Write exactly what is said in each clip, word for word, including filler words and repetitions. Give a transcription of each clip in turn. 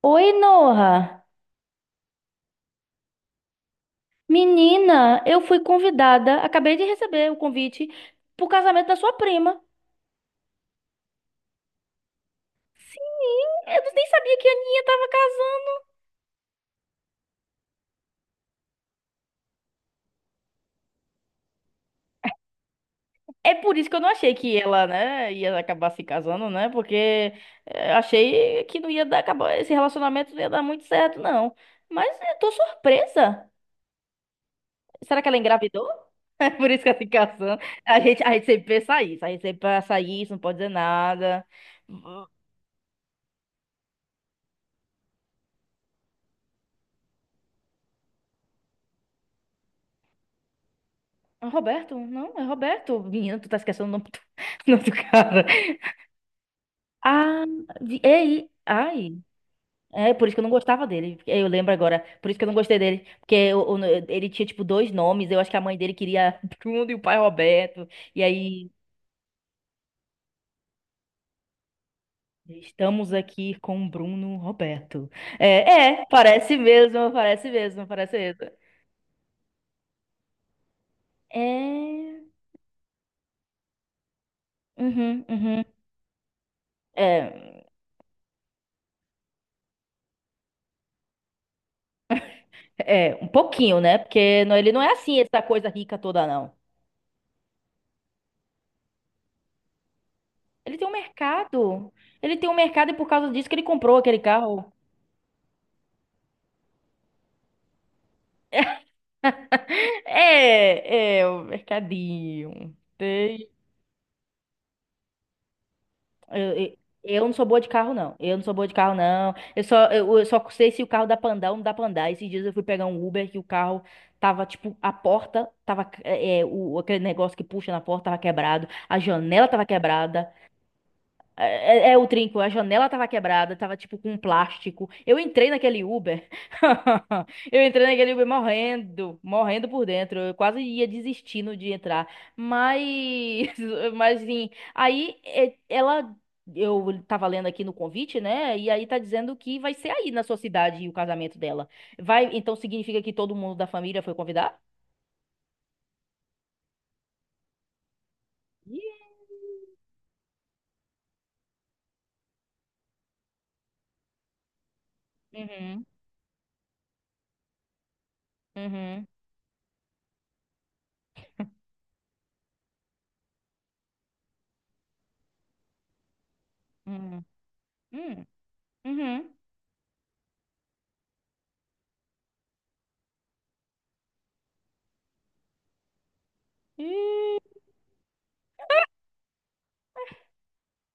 Oi, Noah. Menina, eu fui convidada, acabei de receber o convite pro casamento da sua prima. Sim, eu nem sabia que a Aninha tava casando. É por isso que eu não achei que ela, né, ia acabar se casando, né? Porque eh, achei que não ia dar, acabar, esse relacionamento não ia dar muito certo, não. Mas eu tô surpresa. Será que ela engravidou? É por isso que ela se casando. A gente, a gente sempre pensa isso, a gente sempre pensa isso, não pode dizer nada. É o Roberto? Não, é Roberto. Menina, tu tá esquecendo o nome do, o nome do cara. Ah, vi- ei, ai. É, por isso que eu não gostava dele. Eu lembro agora. Por isso que eu não gostei dele. Porque eu- eu- ele tinha, tipo, dois nomes. Eu acho que a mãe dele queria Bruno e o pai Roberto. E aí, estamos aqui com Bruno Roberto. É, é, parece mesmo, parece mesmo, parece mesmo. É. Uhum, uhum. É, é, um pouquinho, né? Porque não, ele não é assim, essa coisa rica toda, não. Ele tem um mercado. Ele tem um mercado e por causa disso que ele comprou aquele carro. É, é, o mercadinho. Tem. Eu, eu- eu não sou boa de carro, não. Eu não sou boa de carro, não. Eu só, eu, eu só sei se o carro dá pra andar ou não dá pra andar. Esses dias eu fui pegar um Uber que o carro tava, tipo, a porta tava, é, é, o, aquele negócio que puxa na porta tava quebrado, a janela tava quebrada. É, é é o trinco, a janela tava quebrada, tava tipo com plástico. Eu entrei naquele Uber. Eu entrei naquele Uber morrendo, morrendo por dentro. Eu quase ia desistindo de entrar. Mas, mas enfim, aí é, ela. Eu tava lendo aqui no convite, né? E aí tá dizendo que vai ser aí na sua cidade o casamento dela. Vai, então significa que todo mundo da família foi convidado? Uhum, uhum, uhum, uhum, uhum. Ih,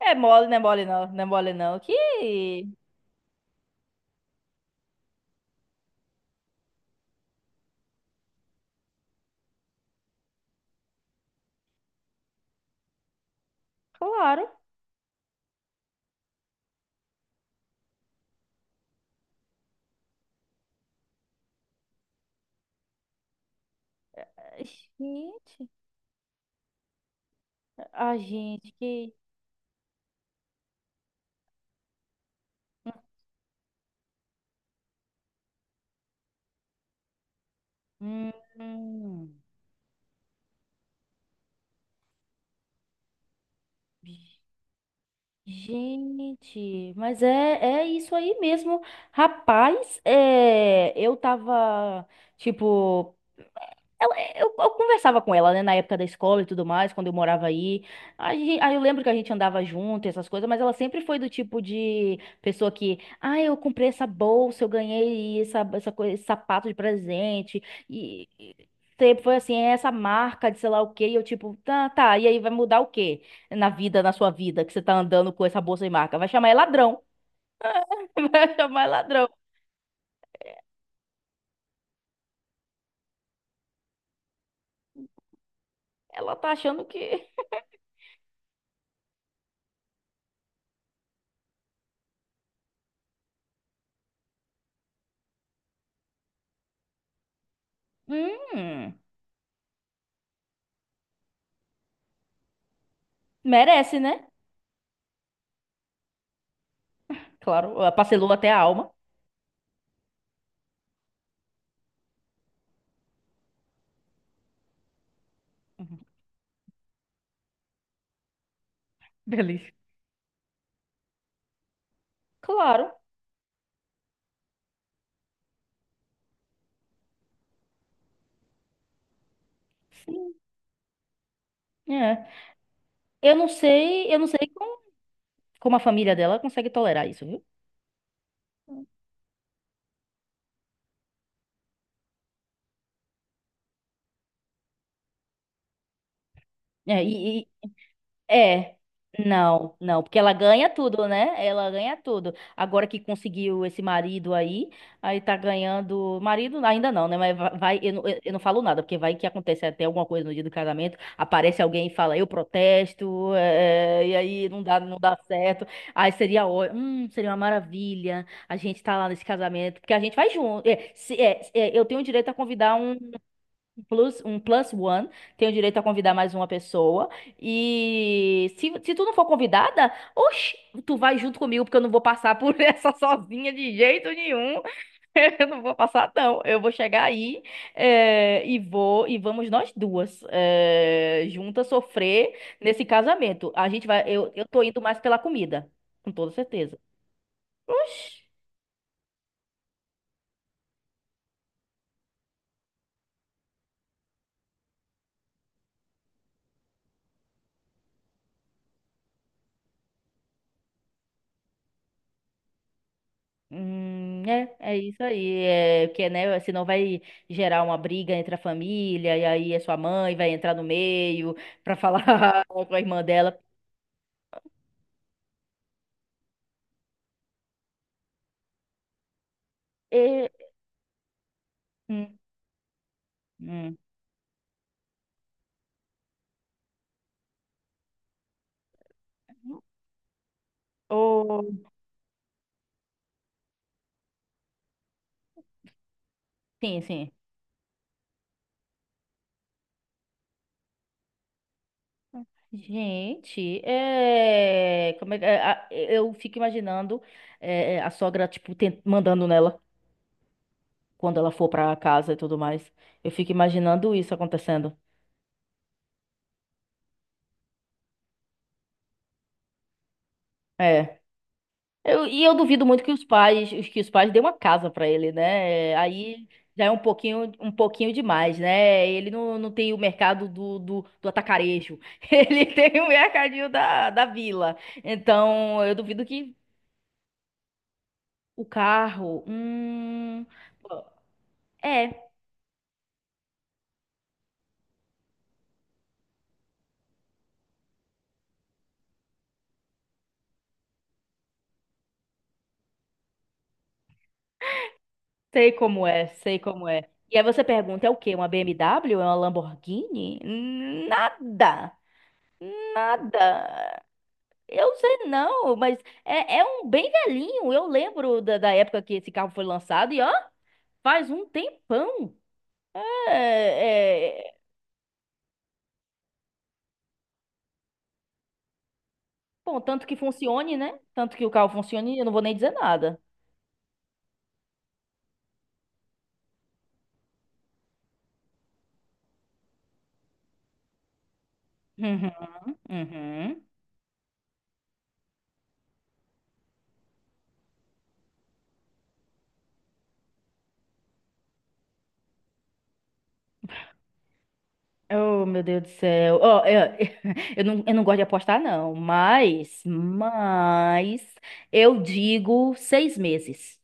é mole, não é mole não, não é mole não. Que, claro. Gente, a gente que... Hum, gente, mas é, é isso aí mesmo. Rapaz, é, eu tava, tipo, ela, eu, eu conversava com ela, né, na época da escola e tudo mais, quando eu morava aí. A gen- Aí, eu lembro que a gente andava junto, e essas coisas, mas ela sempre foi do tipo de pessoa que, ah, eu comprei essa bolsa, eu ganhei essa, essa coisa, esse sapato de presente, e, e sempre foi assim, "É essa marca de sei lá o quê, e eu tipo, tá, tá, e aí vai mudar o quê na vida, na sua vida, que você tá andando com essa bolsa de marca? Vai chamar é ladrão, vai chamar é ladrão. Ela tá achando que, hum, merece, né? Claro, ela parcelou até a alma. Uhum. Delícia. Claro, sim, é. Eu não sei, eu não sei como, como a família dela consegue tolerar isso, viu? É, e- É. Não, não, porque ela ganha tudo, né? Ela ganha tudo. Agora que conseguiu esse marido aí, aí tá ganhando. Marido ainda não, né? Mas va- vai, eu, não- eu eu não falo nada, porque vai que acontece até alguma coisa no dia do casamento, aparece alguém e fala, eu protesto, é, e aí não dá, não dá certo. Aí seria, ó- hum, seria uma maravilha a gente tá lá nesse casamento, porque a gente vai junto. É, se- é, é, eu tenho o direito a convidar um plus, um plus one, tenho direito a convidar mais uma pessoa. E se, se tu não for convidada, oxi, tu vai junto comigo, porque eu não vou passar por essa sozinha de jeito nenhum. Eu não vou passar, não. Eu vou chegar aí, eh, e vou, e vamos nós duas, eh, juntas sofrer nesse casamento. A gente vai, eu, eu tô indo mais pela comida, com toda certeza. Oxi. Hum, é, é isso aí. É, porque, né, senão vai gerar uma briga entre a família, e aí a sua mãe vai entrar no meio pra falar com a irmã dela. E, hum, hum. Oh, sim, sim. Gente, é, como é, que- é, a- eu fico imaginando é, a sogra, tipo, tent- mandando nela quando ela for pra casa e tudo mais. Eu fico imaginando isso acontecendo. É. Eu- e eu duvido muito que os pais, os- que os pais dêem uma casa pra ele, né? Aí já é um pouquinho, um pouquinho demais, né? Ele não, não tem o mercado do, do, do atacarejo. Ele tem o mercadinho da, da vila. Então, eu duvido que o carro, hum, pô, é, sei como é, sei como é. E aí você pergunta, é o quê? Uma B M W? É uma Lamborghini? Nada, nada. Eu sei não, mas é, é um bem velhinho. Eu lembro da, da época que esse carro foi lançado e ó, faz um tempão. É, é, bom, tanto que funcione, né? Tanto que o carro funcione, eu não vou nem dizer nada. Uhum, uhum. Oh, meu Deus do céu. Ó, eu, eu não, eu não gosto de apostar, não. Mas, mas, eu digo seis meses.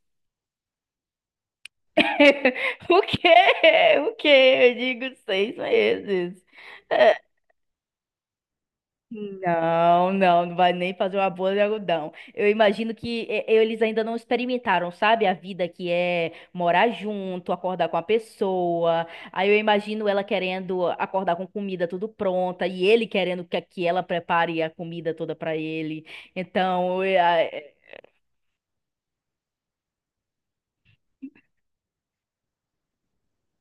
O quê? O quê? Eu digo seis meses. É. Não, não, não vai nem fazer uma boa de algodão. Eu imagino que eh, eles ainda não experimentaram, sabe? A vida que é morar junto, acordar com a pessoa. Aí eu imagino ela querendo acordar com comida tudo pronta e ele querendo que, que ela prepare a comida toda pra ele. Então, eh, ah, eh,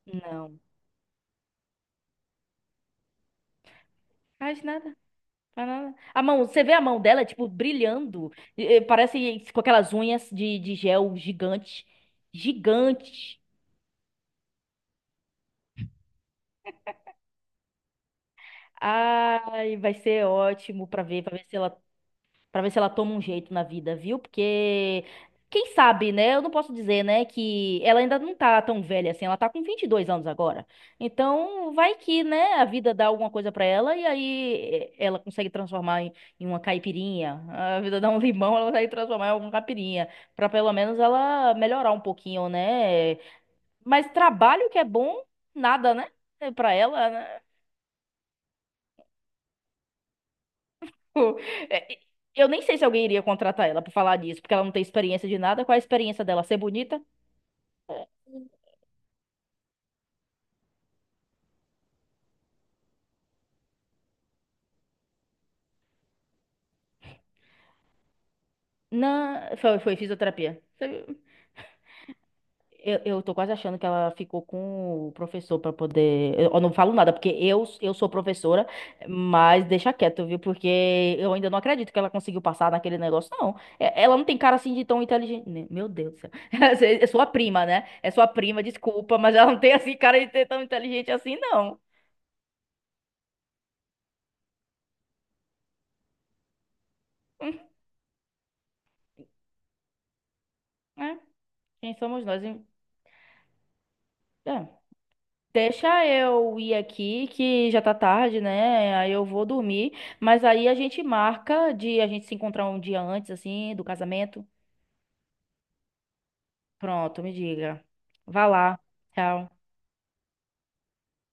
não, faz nada. Faz nada. A mão, você vê a mão dela, tipo, brilhando. eh, eh, Parece com aquelas unhas de, de gel gigante. Gigante. Ai, vai ser ótimo pra ver, para ver se ela, para ver se ela toma um jeito na vida, viu? Porque quem sabe, né? Eu não posso dizer, né, que ela ainda não tá tão velha assim, ela tá com vinte e dois anos agora. Então, vai que, né, a vida dá alguma coisa pra ela e aí eh, ela consegue transformar em, em uma caipirinha. A vida dá um limão, ela consegue transformar em alguma caipirinha, pra pelo menos ela melhorar um pouquinho, né? Mas trabalho que é bom, nada, né? Pra ela, né? Tipo, é, eu nem sei se alguém iria contratar ela pra falar disso, porque ela não tem experiência de nada. Qual é a experiência dela? Ser bonita? Não, foi, foi fisioterapia. Eu, eu tô quase achando que ela ficou com o professor pra poder. Eu, eu não falo nada, porque eu, eu sou professora, mas deixa quieto, viu? Porque eu ainda não acredito que ela conseguiu passar naquele negócio, não. É- Ela não tem cara assim de tão inteligente. Ne- Meu Deus do céu. É sua prima, né? É sua prima, desculpa, mas ela não tem assim cara de ser tão inteligente assim, não. Hum, é. Quem somos nós? É, deixa eu ir aqui, que já tá tarde, né? Aí eu vou dormir. Mas aí a gente marca de a gente se encontrar um dia antes, assim, do casamento. Pronto, me diga. Vá lá. Tchau.